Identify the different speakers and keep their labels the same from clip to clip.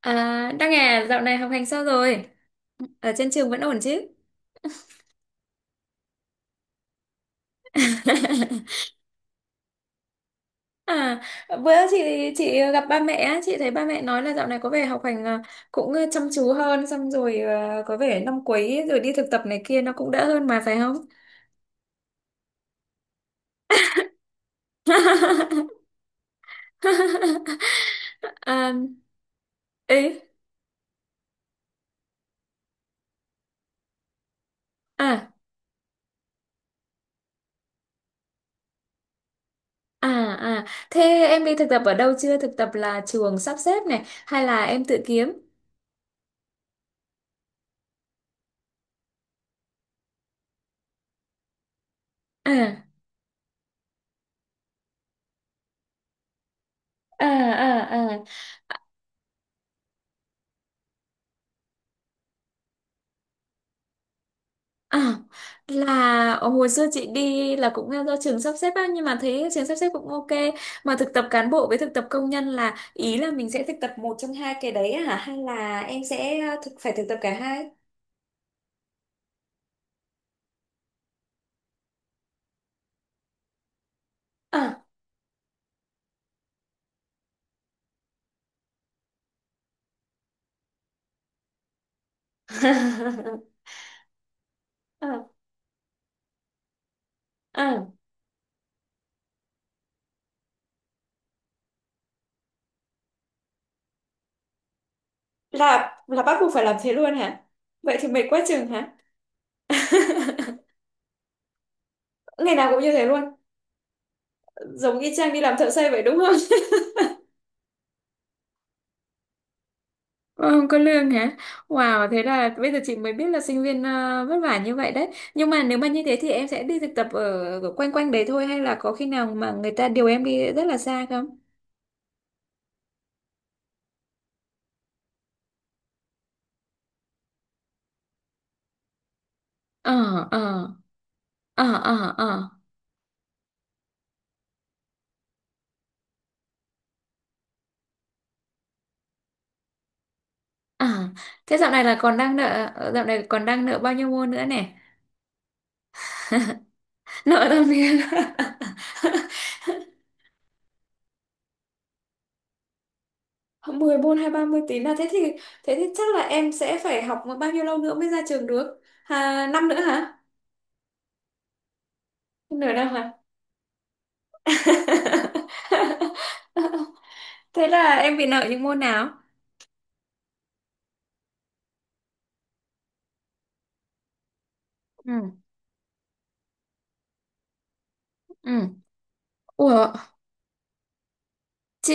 Speaker 1: À, Đăng à, dạo này học hành sao rồi? Ở trên trường vẫn ổn chứ? À, bữa chị gặp ba mẹ, á, chị thấy ba mẹ nói là dạo này có vẻ học hành cũng chăm chú hơn, xong rồi à, có vẻ năm cuối rồi đi thực tập này kia nó cũng đỡ hơn mà phải không? À, ý, à, à, à, thế em đi thực tập ở đâu chưa? Thực tập là trường sắp xếp này, hay là em tự kiếm? À, à, à, à. À, là ở hồi xưa chị đi là cũng do trường sắp xếp á, nhưng mà thấy trường sắp xếp cũng ok. Mà thực tập cán bộ với thực tập công nhân là ý là mình sẽ thực tập một trong hai cái đấy hả, hay là em sẽ phải thực tập cả hai? À. À, à. Là bắt buộc phải làm thế luôn hả? Vậy thì mệt quá chừng hả? Ngày nào cũng như thế luôn? Giống y chang đi làm thợ xây vậy đúng không? Ôi, không có lương hả? Wow, thế là bây giờ chị mới biết là sinh viên vất vả như vậy đấy. Nhưng mà nếu mà như thế thì em sẽ đi thực tập ở, ở quanh quanh đấy thôi, hay là có khi nào mà người ta điều em đi rất là xa không? Ờ, ờ, ờ, ờ, ờ, ờ. Thế dạo này còn đang nợ bao nhiêu môn nữa nè? Nợ tao biết. Mười môn hay 30 tín à? Thế thì chắc là em sẽ phải học bao nhiêu lâu nữa mới ra trường được? À, năm nữa hả? Nửa năm hả? Thế là em bị nợ những môn nào? Ừ. Ừ. Ủa. Chị.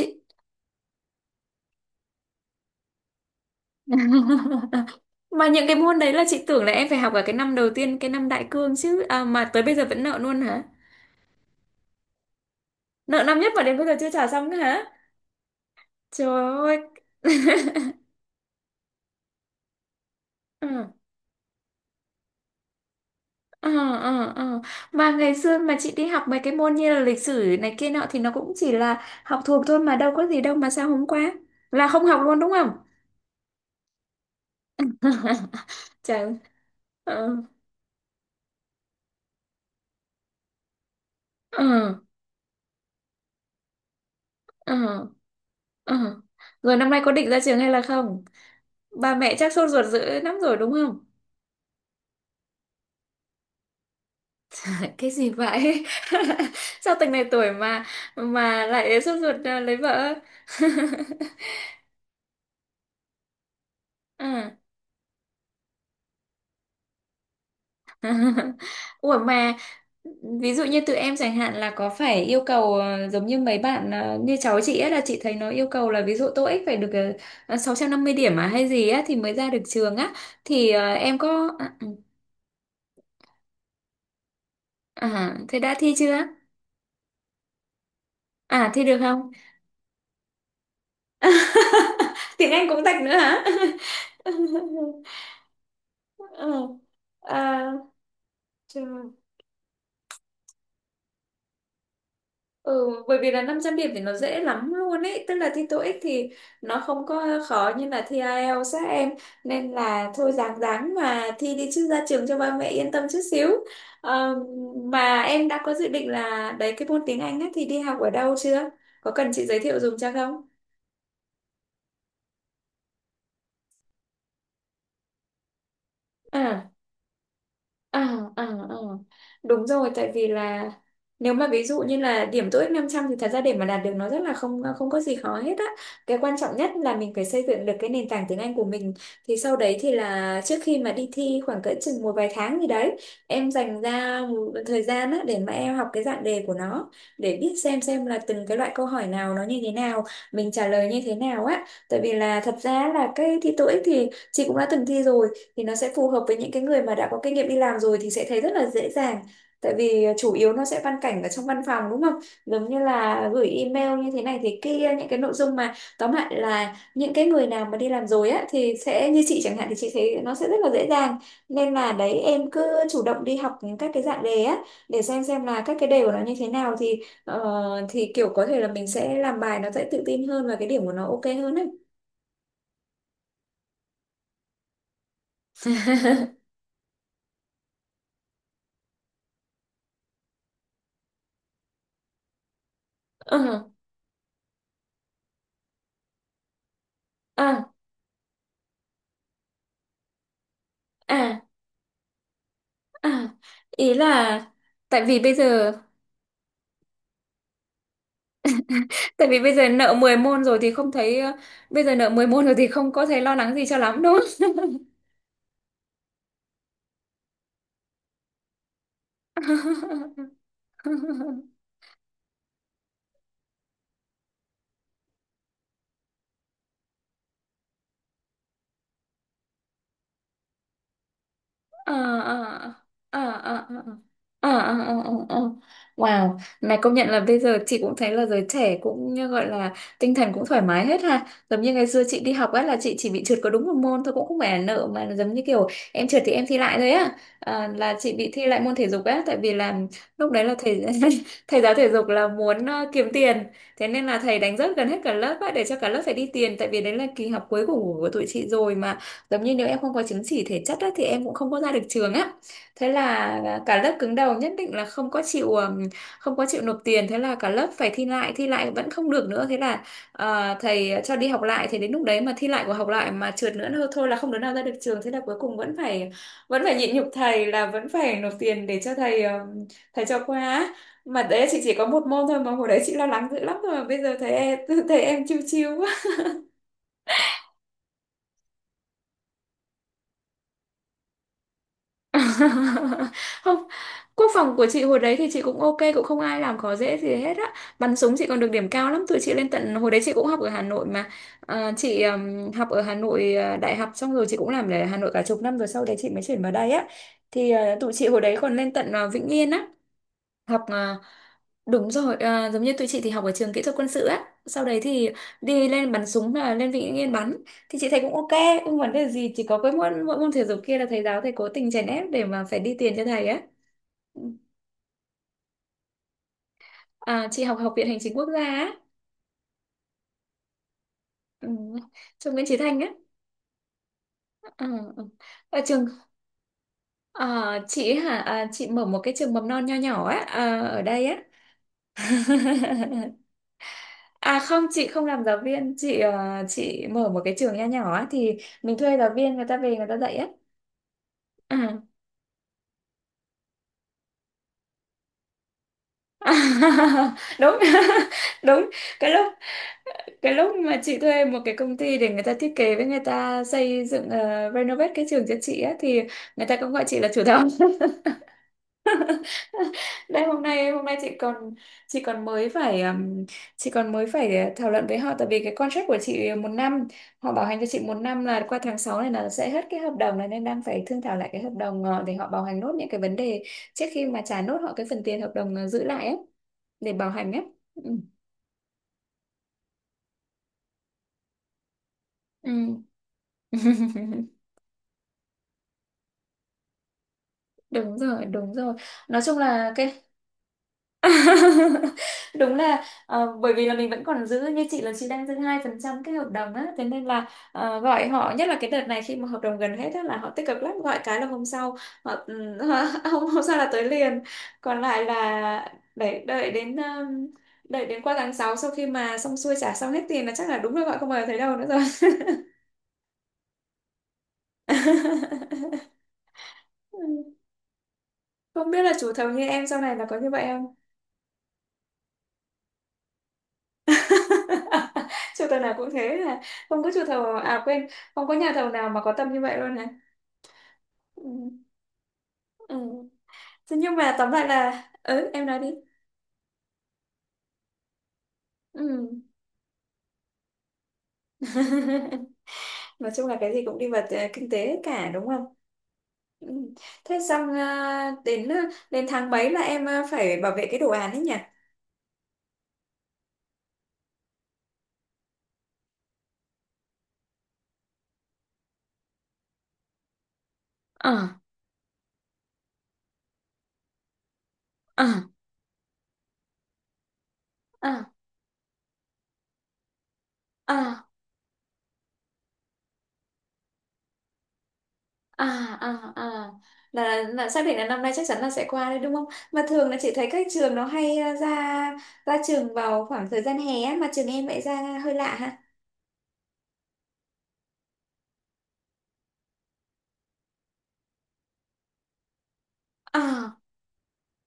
Speaker 1: Mà những cái môn đấy là chị tưởng là em phải học ở cái năm đầu tiên, cái năm đại cương chứ à, mà tới bây giờ vẫn nợ luôn hả? Nợ năm nhất mà đến bây giờ chưa trả xong nữa hả? Trời ơi. Ừ. Ờ, ờ, ờ. Mà ngày xưa mà chị đi học mấy cái môn như là lịch sử này kia nọ thì nó cũng chỉ là học thuộc thôi mà đâu có gì đâu mà sao hôm qua là không học luôn đúng không? Trời ơi. Ờ, ờ, ờ, ờ. Rồi năm nay có định ra trường hay là không? Bà mẹ chắc sốt ruột dữ lắm rồi đúng không? Cái gì vậy? Sao từng này tuổi mà lại sốt ruột lấy vợ? Ừ. Ủa mà ví dụ như tụi em chẳng hạn là có phải yêu cầu giống như mấy bạn ờ, như cháu chị ấy là chị thấy nó yêu cầu là ví dụ TOEIC phải được 650 điểm à hay gì á thì mới ra được trường á, thì em có à, ừ, à, thế đã thi chưa? À thi được không? Tiếng Anh cũng tạch nữa hả? Ừ. À, chờ- ừ, bởi vì là năm trăm điểm thì nó dễ lắm luôn ấy, tức là thi TOEIC thì nó không có khó như là thi IELTS các em, nên là thôi ráng ráng mà thi đi chứ ra trường cho ba mẹ yên tâm chút xíu. Ờ, mà em đã có dự định là đấy cái môn tiếng Anh á thì đi học ở đâu chưa, có cần chị giới thiệu dùm cho không? À. À, à, à. Đúng rồi, tại vì là nếu mà ví dụ như là điểm tô ích 500 thì thật ra để mà đạt được nó rất là không, không có gì khó hết á. Cái quan trọng nhất là mình phải xây dựng được cái nền tảng tiếng Anh của mình. Thì sau đấy thì là trước khi mà đi thi khoảng cỡ chừng một vài tháng gì đấy, em dành ra một thời gian á để mà em học cái dạng đề của nó, để biết xem là từng cái loại câu hỏi nào nó như thế nào, mình trả lời như thế nào á. Tại vì là thật ra là cái thi TOEIC thì chị cũng đã từng thi rồi, thì nó sẽ phù hợp với những cái người mà đã có kinh nghiệm đi làm rồi thì sẽ thấy rất là dễ dàng, tại vì chủ yếu nó sẽ văn cảnh ở trong văn phòng đúng không, giống như là gửi email như thế này thế kia, những cái nội dung mà tóm lại là những cái người nào mà đi làm rồi á thì sẽ như chị chẳng hạn thì chị thấy nó sẽ rất là dễ dàng, nên là đấy em cứ chủ động đi học các cái dạng đề á, để xem là các cái đề của nó như thế nào thì thì kiểu có thể là mình sẽ làm bài nó sẽ tự tin hơn và cái điểm của nó ok hơn ấy. Ờ, à, à. À, ý là tại vì bây giờ tại vì bây giờ nợ 10 môn rồi thì không thấy ờ, bây giờ nợ 10 môn rồi thì không có thấy lo lắng gì cho lắm đúng không? Ờ, ờ, ờ, ờ, ờ, ờ, ờ, ờ, ờ, ờ. Ờ. Wow, này công nhận là bây giờ chị cũng thấy là giới trẻ cũng như gọi là tinh thần cũng thoải mái hết ha. Giống như ngày xưa chị đi học ấy là chị chỉ bị trượt có đúng một môn thôi, cũng không phải là nợ mà là giống như kiểu em trượt thì em thi lại thôi á. À, là chị bị thi lại môn thể dục á, tại vì là lúc đấy là thầy thầy giáo thể dục là muốn kiếm tiền. Thế nên là thầy đánh rớt gần hết cả lớp á để cho cả lớp phải đi tiền, tại vì đấy là kỳ học cuối của tụi chị rồi mà, giống như nếu em không có chứng chỉ thể chất á, thì em cũng không có ra được trường á. Thế là cả lớp cứng đầu nhất định là không có chịu không có chịu nộp tiền, thế là cả lớp phải thi lại, thi lại vẫn không được nữa, thế là thầy cho đi học lại, thì đến lúc đấy mà thi lại của học lại mà trượt nữa thôi, thôi là không đứa nào ra được trường, thế là cuối cùng vẫn phải nhịn nhục thầy là vẫn phải nộp tiền để cho thầy thầy cho qua á. Mà đấy chị chỉ có một môn thôi mà hồi đấy chị lo lắng dữ lắm rồi, mà bây giờ thấy em thấy em chiêu chiêu Không, quốc phòng của chị hồi đấy thì chị cũng ok, cũng không ai làm khó dễ gì hết á, bắn súng chị còn được điểm cao lắm, tụi chị lên tận hồi đấy chị cũng học ở Hà Nội mà. À, chị học ở Hà Nội, à, đại học xong rồi chị cũng làm ở Hà Nội cả chục năm rồi, sau đấy chị mới chuyển vào đây á. Thì à, tụi chị hồi đấy còn lên tận à, Vĩnh Yên á học à, đúng rồi, à, giống như tụi chị thì học ở trường kỹ thuật quân sự á, sau đấy thì đi lên bắn súng là lên Vĩnh Yên bắn, thì chị thấy cũng ok, không vấn đề gì, chỉ có cái môn mỗi môn thể dục kia là thầy giáo thầy cố tình chèn ép để mà phải đi tiền cho thầy á. Ừ. À, chị học học viện hành chính quốc gia á. Ừ. Trường Nguyễn Chí Thanh á. Ừ. Ừ. Ở trường à, chị hả, à, chị mở một cái trường mầm non nho nhỏ á, à, ở đây á. À không, chị không làm giáo viên, chị chị mở một cái trường nho nhỏ á thì mình thuê giáo viên, người ta về người ta dạy á. À. Đúng. Đúng. Cái lúc cái lúc mà chị thuê một cái công ty để người ta thiết kế với người ta xây dựng renovate cái trường cho chị á, thì người ta cũng gọi chị là chủ thầu. Đây hôm nay chị còn chị còn mới phải um, chị còn mới phải thảo luận với họ, tại vì cái contract của chị một năm, họ bảo hành cho chị một năm là qua tháng 6 này là sẽ hết cái hợp đồng này, nên đang phải thương thảo lại cái hợp đồng để họ bảo hành nốt những cái vấn đề trước khi mà trả nốt họ cái phần tiền hợp đồng giữ lại ấy, để bảo hành ấy. Ừ. Ừ. Đúng rồi, đúng rồi, nói chung là cái… Đúng là bởi vì là mình vẫn còn giữ, như chị là chị đang giữ 2% cái hợp đồng á, thế nên là gọi họ, nhất là cái đợt này khi mà hợp đồng gần hết á là họ tích cực lắm, gọi cái là hôm sau họ, ừ, hôm hôm sau là tới liền, còn lại là đợi đợi đến đợi đến qua tháng sáu, sau khi mà xong xuôi trả xong hết tiền là chắc là đúng là gọi không bao giờ thấy đâu nữa rồi. Ừ. Không biết là chủ thầu như em sau này là có như vậy không. Chủ thầu nào cũng thế là không có chủ thầu à quên, không có nhà thầu nào mà có tâm như vậy luôn này. Ừ. Ừ. Thế nhưng mà tóm lại là ừ em nói đi. Ừ. Nói chung là cái gì cũng đi vào kinh tế hết cả đúng không. Ừ. Thế xong đến đến tháng mấy là em phải bảo vệ cái đồ án ấy nhỉ? Ờ. Ờ. Ờ. Ờ. À. À. À, là xác định là năm nay chắc chắn là sẽ qua đấy đúng không? Mà thường là chị thấy các trường nó hay ra ra trường vào khoảng thời gian hè á, mà trường em lại ra hơi lạ ha. À,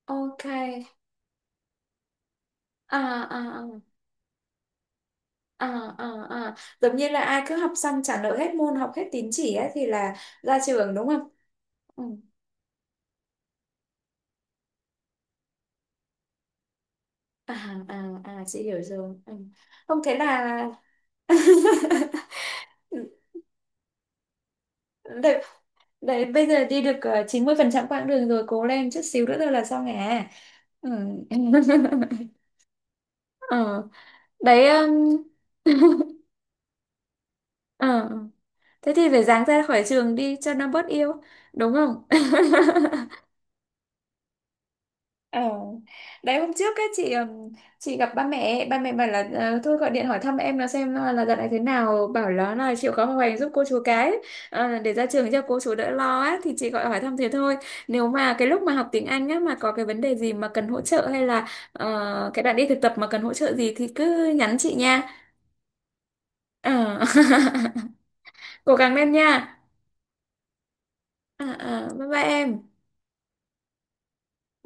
Speaker 1: ok. À, à, à, à, à, à. Giống như là ai cứ học xong trả nợ hết môn, học hết tín chỉ á thì là ra trường đúng không. Ừ. À, à, à, chị hiểu rồi. Ừ. Không, thế là… Tại… Đấy, bây giờ đi được 90% quãng đường rồi, cố lên chút xíu nữa thôi là xong à. Ừ. Ờ. Đấy, ờ. Thế thì phải dáng ra khỏi trường đi cho nó bớt yêu, đúng không? Ờ. Đấy hôm trước ấy chị gặp ba mẹ, ba mẹ bảo là thôi gọi điện hỏi thăm em là xem là dạo này thế nào, bảo là chịu khó học hành giúp cô chú cái để ra trường cho cô chú đỡ lo á, thì chị gọi hỏi thăm thế thôi. Nếu mà cái lúc mà học tiếng Anh á mà có cái vấn đề gì mà cần hỗ trợ hay là cái đoạn đi thực tập mà cần hỗ trợ gì thì cứ nhắn chị nha. Ờ. Cố gắng lên nha. Ờ, ờ, bye bye em.